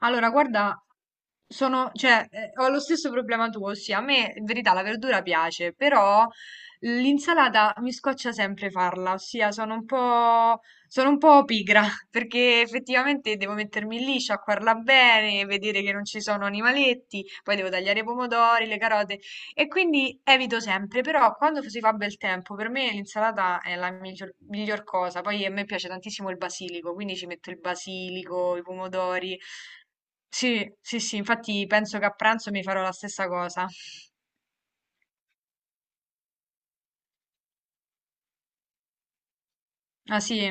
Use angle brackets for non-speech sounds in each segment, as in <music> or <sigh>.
Allora, guarda, cioè, ho lo stesso problema tuo, ossia, a me in verità la verdura piace, però l'insalata mi scoccia sempre farla, ossia sono un po' pigra, <laughs> perché effettivamente devo mettermi lì, sciacquarla bene, vedere che non ci sono animaletti, poi devo tagliare i pomodori, le carote, e quindi evito sempre, però quando si fa bel tempo, per me l'insalata è la miglior cosa, poi a me piace tantissimo il basilico, quindi ci metto il basilico, i pomodori. Sì, sì, sì, infatti penso che a pranzo mi farò la stessa cosa. Ah, sì?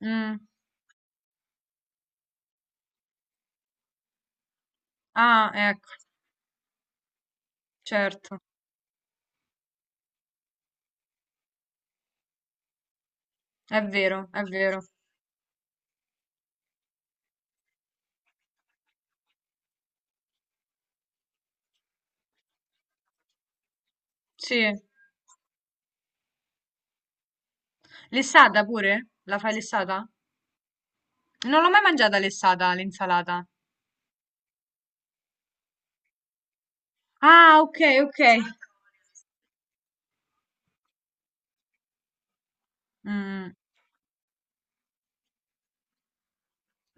Mm. Ah, ecco, certo, è vero, è vero. Sì. Lessata pure? La fai lessata? Non l'ho mai mangiata lessata, l'insalata. Ah, ok, ok. Mm.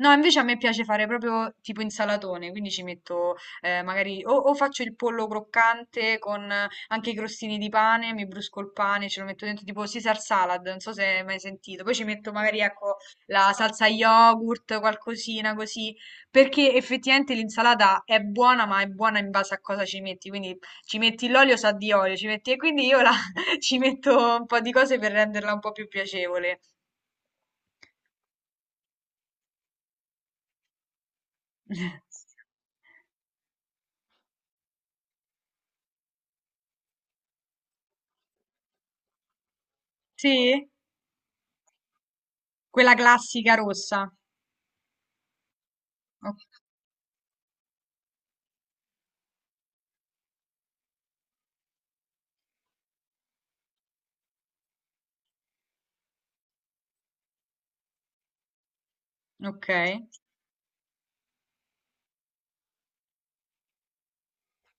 No, invece a me piace fare proprio tipo insalatone, quindi ci metto magari o faccio il pollo croccante con anche i crostini di pane, mi brusco il pane, ce lo metto dentro tipo Caesar salad, non so se hai mai sentito. Poi ci metto magari ecco la salsa yogurt, qualcosina così, perché effettivamente l'insalata è buona, ma è buona in base a cosa ci metti, quindi ci metti l'olio sa di olio, ci metti e quindi <laughs> ci metto un po' di cose per renderla un po' più piacevole. <laughs> Sì? Quella classica rossa. O Okay,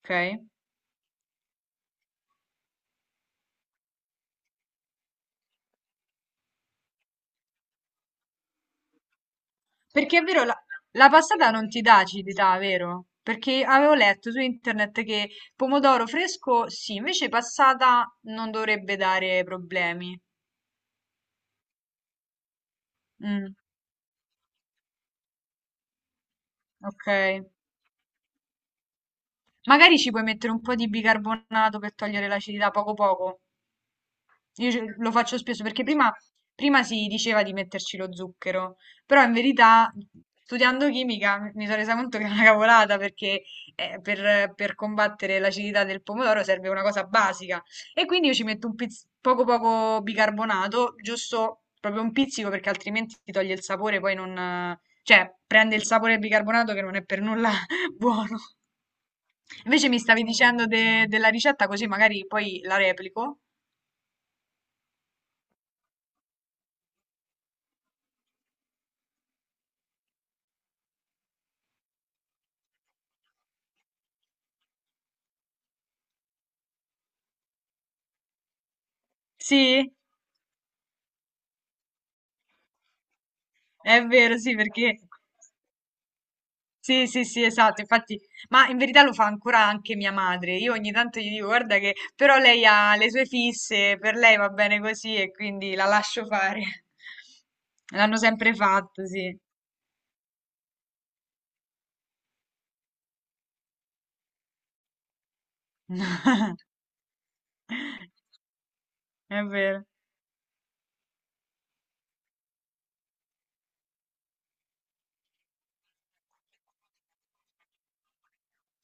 okay. Perché è vero la passata non ti dà acidità, vero? Perché avevo letto su internet che pomodoro fresco sì, invece passata non dovrebbe dare problemi. Mh, okay. Magari ci puoi mettere un po' di bicarbonato per togliere l'acidità poco poco. Io lo faccio spesso perché prima si diceva di metterci lo zucchero, però in verità studiando chimica mi sono resa conto che è una cavolata perché per combattere l'acidità del pomodoro serve una cosa basica e quindi io ci metto poco poco bicarbonato, giusto proprio un pizzico perché altrimenti ti toglie il sapore, poi non, cioè, prende il sapore del bicarbonato che non è per nulla <laughs> buono. Invece mi stavi dicendo della ricetta così magari poi la replico. Sì? È vero, sì, perché sì, sì, sì, esatto, infatti, ma in verità lo fa ancora anche mia madre. Io ogni tanto gli dico, guarda che però lei ha le sue fisse, per lei va bene così e quindi la lascio fare. <laughs> L'hanno sempre fatto, sì. <laughs> È vero.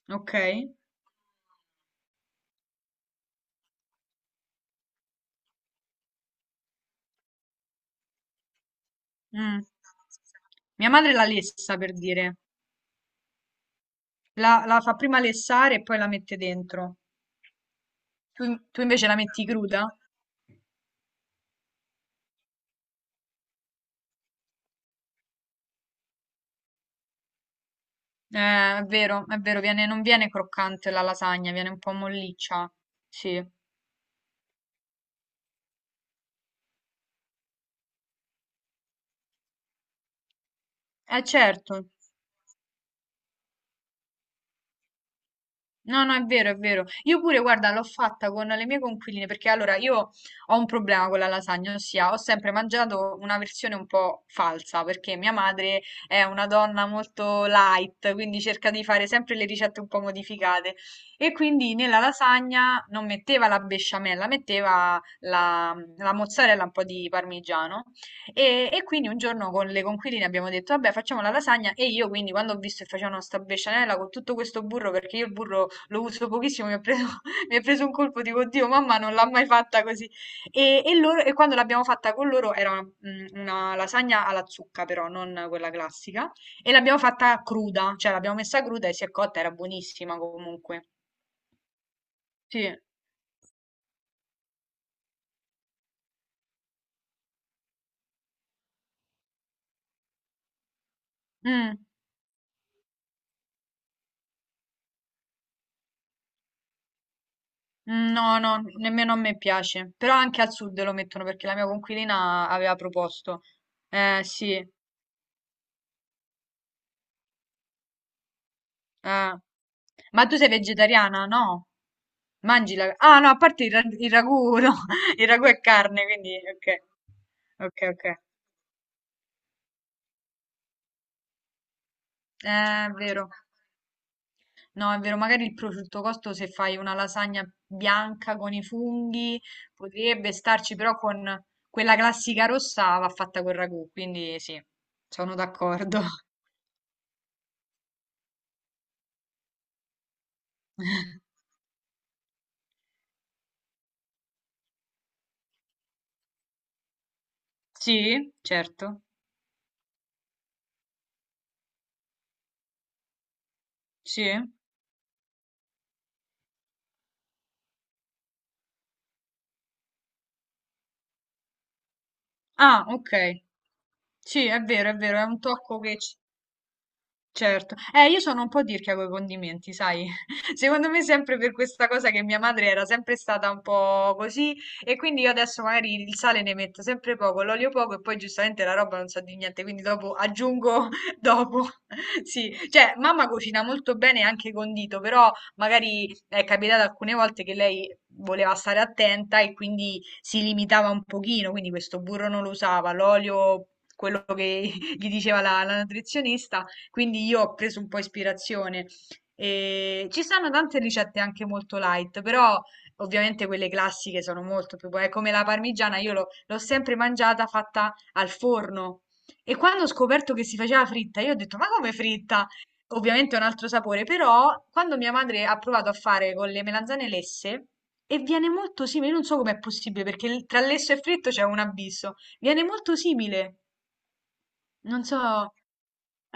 Ok. Mm. Mia madre la lessa, per dire. La fa prima lessare e poi la mette dentro. Tu, tu invece la metti cruda? È vero, non viene croccante la lasagna, viene un po' molliccia. Sì, è certo. No, no, è vero, è vero. Io pure, guarda, l'ho fatta con le mie conquiline perché allora io ho un problema con la lasagna, ossia ho sempre mangiato una versione un po' falsa perché mia madre è una donna molto light, quindi cerca di fare sempre le ricette un po' modificate e quindi nella lasagna non metteva la besciamella, metteva la mozzarella, un po' di parmigiano e quindi un giorno con le conquiline abbiamo detto, vabbè, facciamo la lasagna e io quindi quando ho visto che facevano sta besciamella con tutto questo burro, perché io il burro lo uso pochissimo, mi ha preso, <laughs> mi è preso un colpo, dico, oddio, mamma non l'ha mai fatta così. E quando l'abbiamo fatta con loro era una lasagna alla zucca, però, non quella classica, e l'abbiamo fatta cruda, cioè l'abbiamo messa cruda e si è cotta, era buonissima comunque. Sì. Mm. Mm. No, no, nemmeno a me piace, però anche al sud lo mettono perché la mia conquilina aveva proposto. Sì. Ah. Ma tu sei vegetariana? No. Mangi la... Ah, no, a parte il ragù, no. <laughs> Il ragù è carne, quindi... Ok, ok, ok. È vero. No, è vero, magari il prosciutto costo se fai una lasagna bianca con i funghi potrebbe starci, però con quella classica rossa va fatta col ragù, quindi sì, sono d'accordo. <laughs> Sì, certo. Sì. Ah, ok. Sì, è vero, è vero, è un tocco che ci. Certo. Io sono un po' tirchia coi condimenti, sai? <laughs> Secondo me sempre per questa cosa che mia madre era sempre stata un po' così e quindi io adesso magari il sale ne metto sempre poco, l'olio poco e poi giustamente la roba non so di niente, quindi dopo aggiungo <laughs> dopo. <laughs> Sì, cioè mamma cucina molto bene anche condito, però magari è capitato alcune volte che lei voleva stare attenta e quindi si limitava un pochino, quindi questo burro non lo usava, l'olio quello che <laughs> gli diceva la nutrizionista quindi io ho preso un po' ispirazione. E ci stanno tante ricette anche molto light, però ovviamente quelle classiche sono molto più buone. Come la parmigiana, io l'ho sempre mangiata fatta al forno. E quando ho scoperto che si faceva fritta, io ho detto: Ma come fritta? Ovviamente è un altro sapore, però quando mia madre ha provato a fare con le melanzane lesse, e viene molto simile, non so com'è possibile, perché tra lesso e fritto c'è un abisso. Viene molto simile, non so.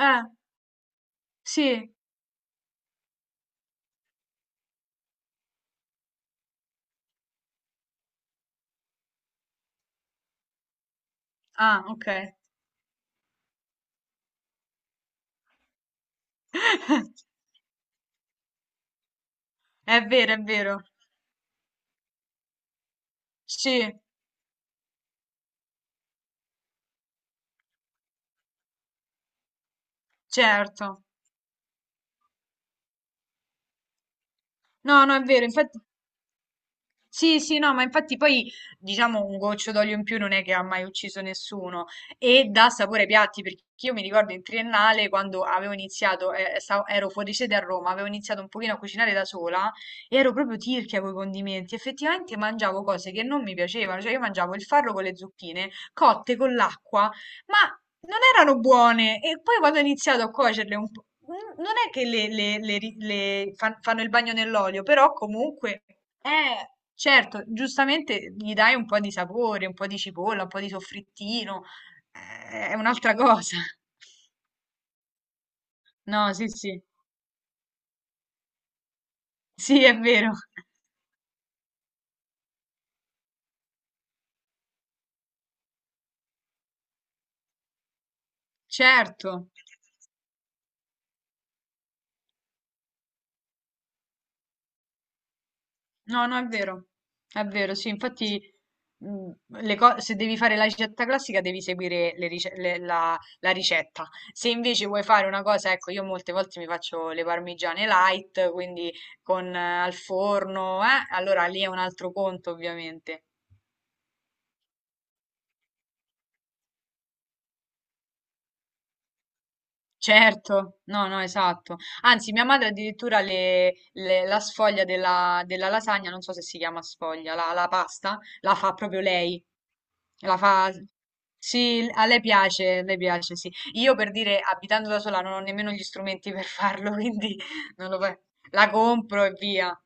Eh, sì. Ah, ok. <laughs> È vero, è vero. Sì, certo. No, no, è vero. Infatti, sì, sì, no, ma infatti poi diciamo un goccio d'olio in più non è che ha mai ucciso nessuno e dà sapore ai piatti perché io mi ricordo in triennale quando avevo iniziato, ero fuori sede a Roma, avevo iniziato un pochino a cucinare da sola e ero proprio tirchia con i condimenti, effettivamente mangiavo cose che non mi piacevano, cioè io mangiavo il farro con le zucchine cotte con l'acqua, ma non erano buone e poi quando ho iniziato a cuocerle un po'... Non è che le ri- le fan- fanno il bagno nell'olio, però comunque certo, giustamente gli dai un po' di sapore, un po' di cipolla, un po' di soffrittino, è un'altra cosa. <laughs> No, sì, sì, sì, è vero, certo, no, no, è vero, sì, infatti mh, se devi fare la ricetta classica devi seguire le rice- le- la, la ricetta, se invece vuoi fare una cosa, ecco, io molte volte mi faccio le parmigiane light, quindi con al forno, allora lì è un altro conto ovviamente. Certo, no, no, esatto. Anzi, mia madre addirittura la sfoglia della lasagna, non so se si chiama sfoglia, la pasta, la fa proprio lei. La fa... Sì, a lei piace, sì. Io per dire, abitando da sola, non ho nemmeno gli strumenti per farlo, <laughs> quindi non lo fa- La compro e via.